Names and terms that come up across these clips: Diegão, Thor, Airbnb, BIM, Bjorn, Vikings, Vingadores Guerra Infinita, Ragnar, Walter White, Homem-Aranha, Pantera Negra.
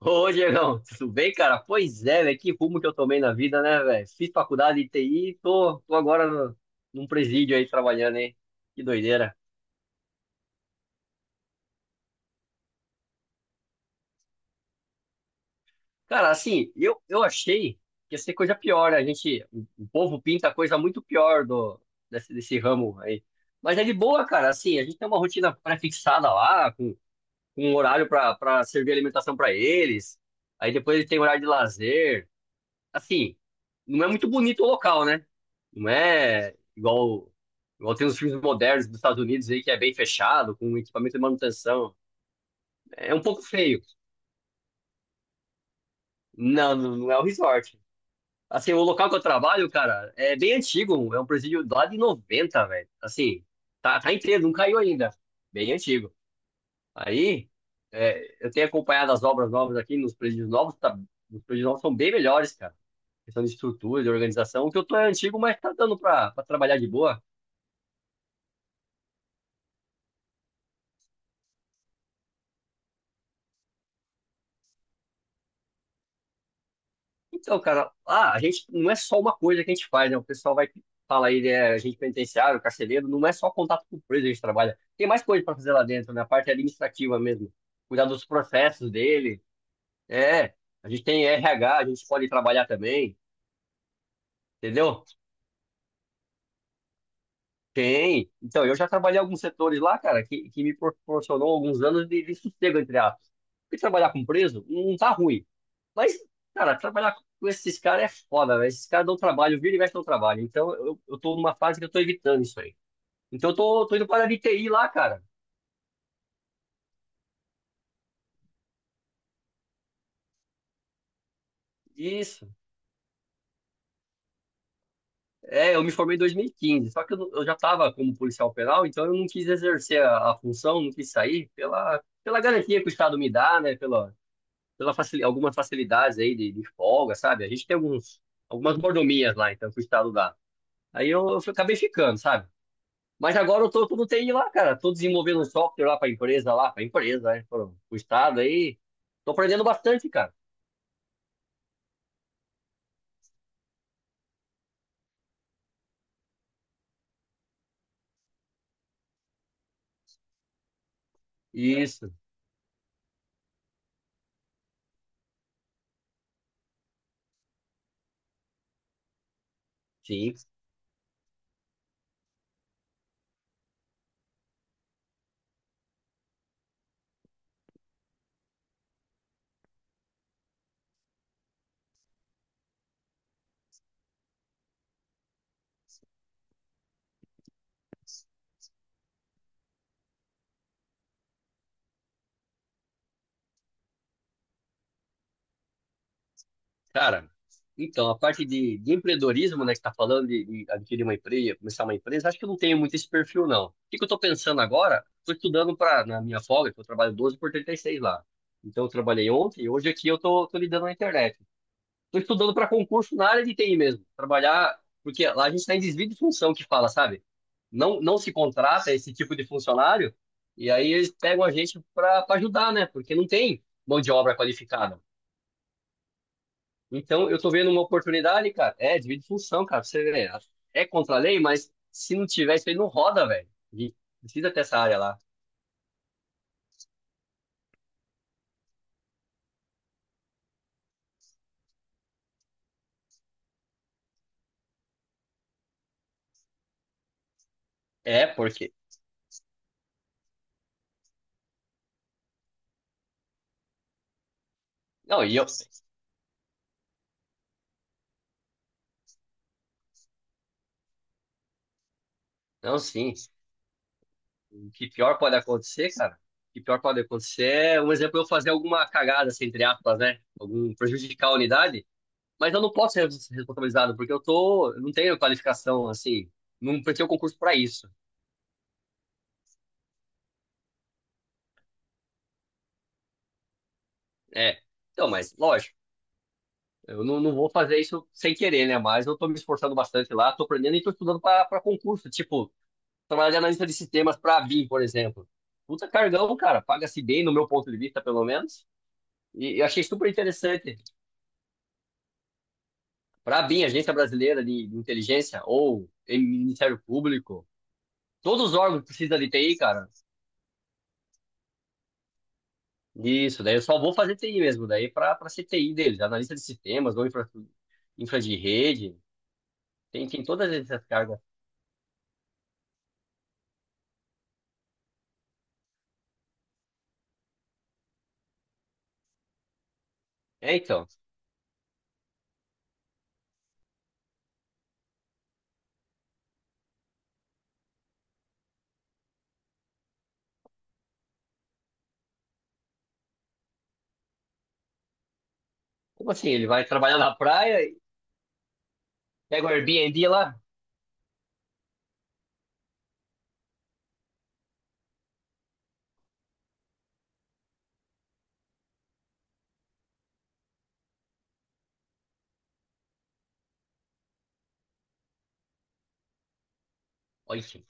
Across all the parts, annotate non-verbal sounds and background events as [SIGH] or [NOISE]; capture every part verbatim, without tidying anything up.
Ô, Diegão, tudo bem, cara? Pois é, velho, que rumo que eu tomei na vida, né, velho? Fiz faculdade de T I, tô, tô agora no- num presídio aí trabalhando, hein? Que doideira. Cara, assim, eu, eu achei que ia ser coisa pior, né? A gente, o, o povo pinta coisa muito pior do, desse, desse ramo aí. Mas é de boa, cara, assim, a gente tem uma rotina pré-fixada lá, com, com um horário pra, pra servir alimentação pra eles, aí depois eles têm horário de lazer. Assim, não é muito bonito o local, né? Não é igual, igual tem os filmes modernos dos Estados Unidos aí, que é bem fechado, com equipamento de manutenção. É um pouco feio. Não, não não é o resort. Assim, o local que eu trabalho, cara, é bem antigo. É um presídio lá de noventa velho. Assim, tá, tá inteiro, não caiu ainda. Bem antigo. Aí, é, eu tenho acompanhado as obras novas aqui nos presídios novos. Tá, os presídios novos são bem melhores, cara. Questão de estrutura, de organização. O que eu tô é antigo, mas tá dando pra, pra trabalhar de boa. Então, cara, ah, a gente não é só uma coisa que a gente faz, né? O pessoal vai fala aí, né, agente penitenciário, carcereiro, não é só contato com o preso que a gente trabalha. Tem mais coisa para fazer lá dentro, né? A parte administrativa mesmo. Cuidar dos processos dele. É, a gente tem R H, a gente pode trabalhar também, entendeu? Tem. Então, eu já trabalhei em alguns setores lá, cara, que, que me proporcionou alguns anos de, de sossego, entre aspas. Porque trabalhar com preso não tá ruim. Mas, cara, trabalhar com esses caras é foda, velho. Esses caras dão trabalho, vira e mexe dão trabalho. Então, eu, eu tô numa fase que eu tô evitando isso aí. Então, eu tô, tô indo para a de T I lá, cara. Isso. É, eu me formei em dois mil e quinze. Só que eu, não- eu já tava como policial penal, então eu não quis exercer a, a função, não quis sair pela, pela garantia que o Estado me dá, né? Pela facil, algumas facilidades aí de, de folga, sabe? A gente tem alguns, algumas mordomias lá, então, que o Estado dá. Aí eu, eu acabei ficando, sabe? Mas agora eu tô, tô no T I lá, cara. Tô desenvolvendo um software lá pra empresa, lá, pra empresa, né? Pro, pro Estado aí. Tô aprendendo bastante, cara. Isso, sim. Cara, então, a parte de, de empreendedorismo, né, que tá falando de, de adquirir uma empresa, começar uma empresa, acho que eu não tenho muito esse perfil, não. O que que eu tô pensando agora? Tô estudando para na minha folga, que eu trabalho doze por trinta e seis lá. Então, eu trabalhei ontem e hoje aqui eu tô, tô lidando na internet. Tô estudando para concurso na área de T I mesmo. Trabalhar, porque lá a gente tá em desvio de função que fala, sabe? Não, não se contrata esse tipo de funcionário e aí eles pegam a gente para ajudar, né? Porque não tem mão de obra qualificada. Então, eu tô vendo uma oportunidade, cara. É, divide função, cara. Você vê, é contra a lei, mas se não tiver isso aí, não roda, velho. E precisa ter essa área lá. É, porque. Não, e eu. Não, sim. O que pior pode acontecer, cara? O que pior pode acontecer é, um exemplo, eu fazer alguma cagada, assim, entre aspas, né? Algum prejudicar a unidade. Mas eu não posso ser responsabilizado, porque eu tô. Eu não tenho qualificação, assim. Não prestei o concurso pra isso. É. Então, mas, lógico. Eu não, não vou fazer isso sem querer, né? Mas eu tô me esforçando bastante lá, tô aprendendo e tô estudando para concurso. Tipo, trabalhar de analista de sistemas para a B I M, por exemplo. Puta cargão, cara. Paga-se bem, no meu ponto de vista, pelo menos. E eu achei super interessante. Para a B I M, Agência Brasileira de de Inteligência, ou em Ministério Público, todos os órgãos que precisam de T I, cara. Isso, daí eu só vou fazer T I mesmo, daí para ser T I deles, analista de sistemas ou infra, infra, de rede. Tem, tem todas essas cargas. É, então. Como assim? Ele vai trabalhar na praia e pega o Airbnb lá? Olha que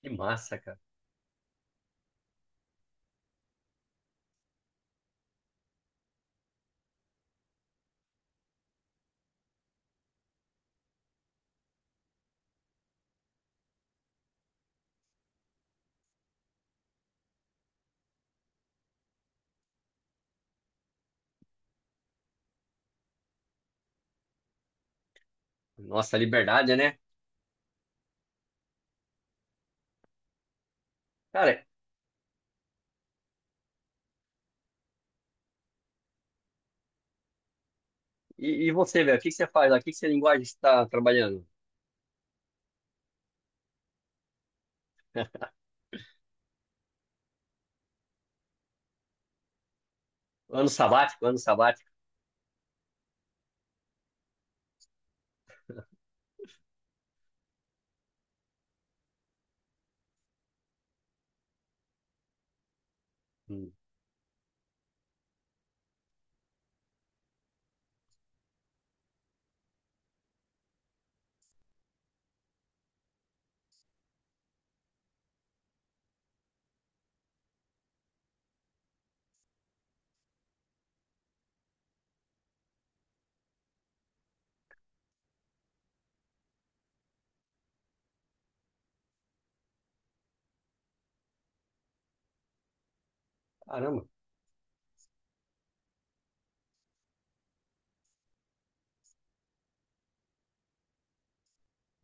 que massa, cara. Nossa, liberdade, né? Cara, e, e você, velho? O que que você faz lá? O que que você linguagem está trabalhando? Ano sabático, ano sabático. Hum, Caramba.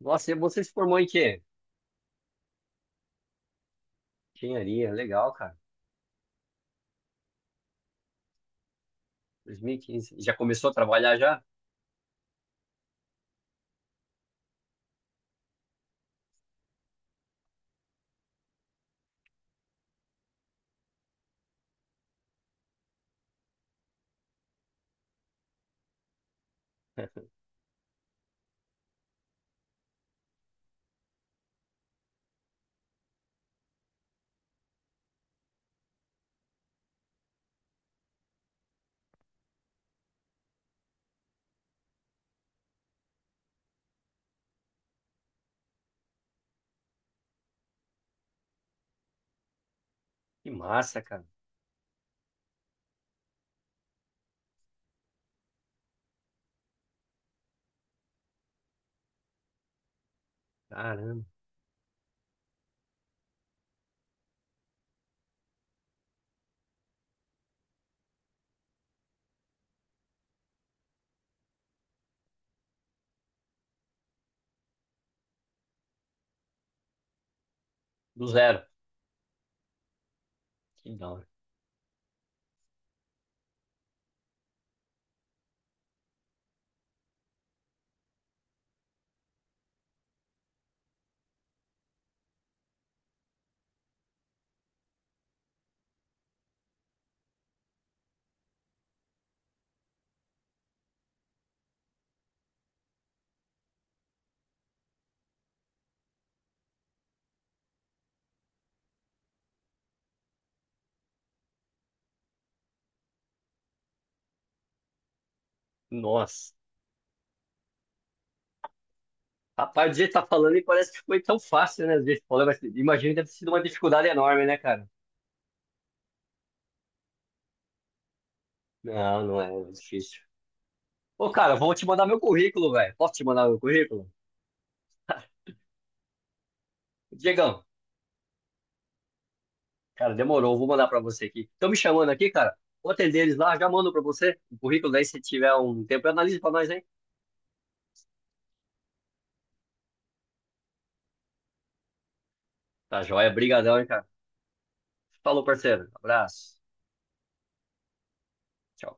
Nossa, e você se formou em quê? Engenharia, legal, cara. dois mil e quinze. Já começou a trabalhar já? [LAUGHS] Que massa, cara. Caramba. Do zero. Que da hora. Nossa. Rapaz, do jeito que tá falando, e parece que foi tão fácil, né? Do jeito que falou, mas imagina que deve ter sido uma dificuldade enorme, né, cara? Não, não é é difícil. Ô, cara, vou te mandar meu currículo, velho. Posso te mandar meu currículo? Diegão, cara, demorou. Vou mandar pra você aqui. Estão me chamando aqui, cara. Vou atender eles lá, já mando pra você o currículo. Daí, se tiver um tempo, analise pra nós, hein? Tá joia, brigadão, hein, cara. Falou, parceiro. Abraço. Tchau.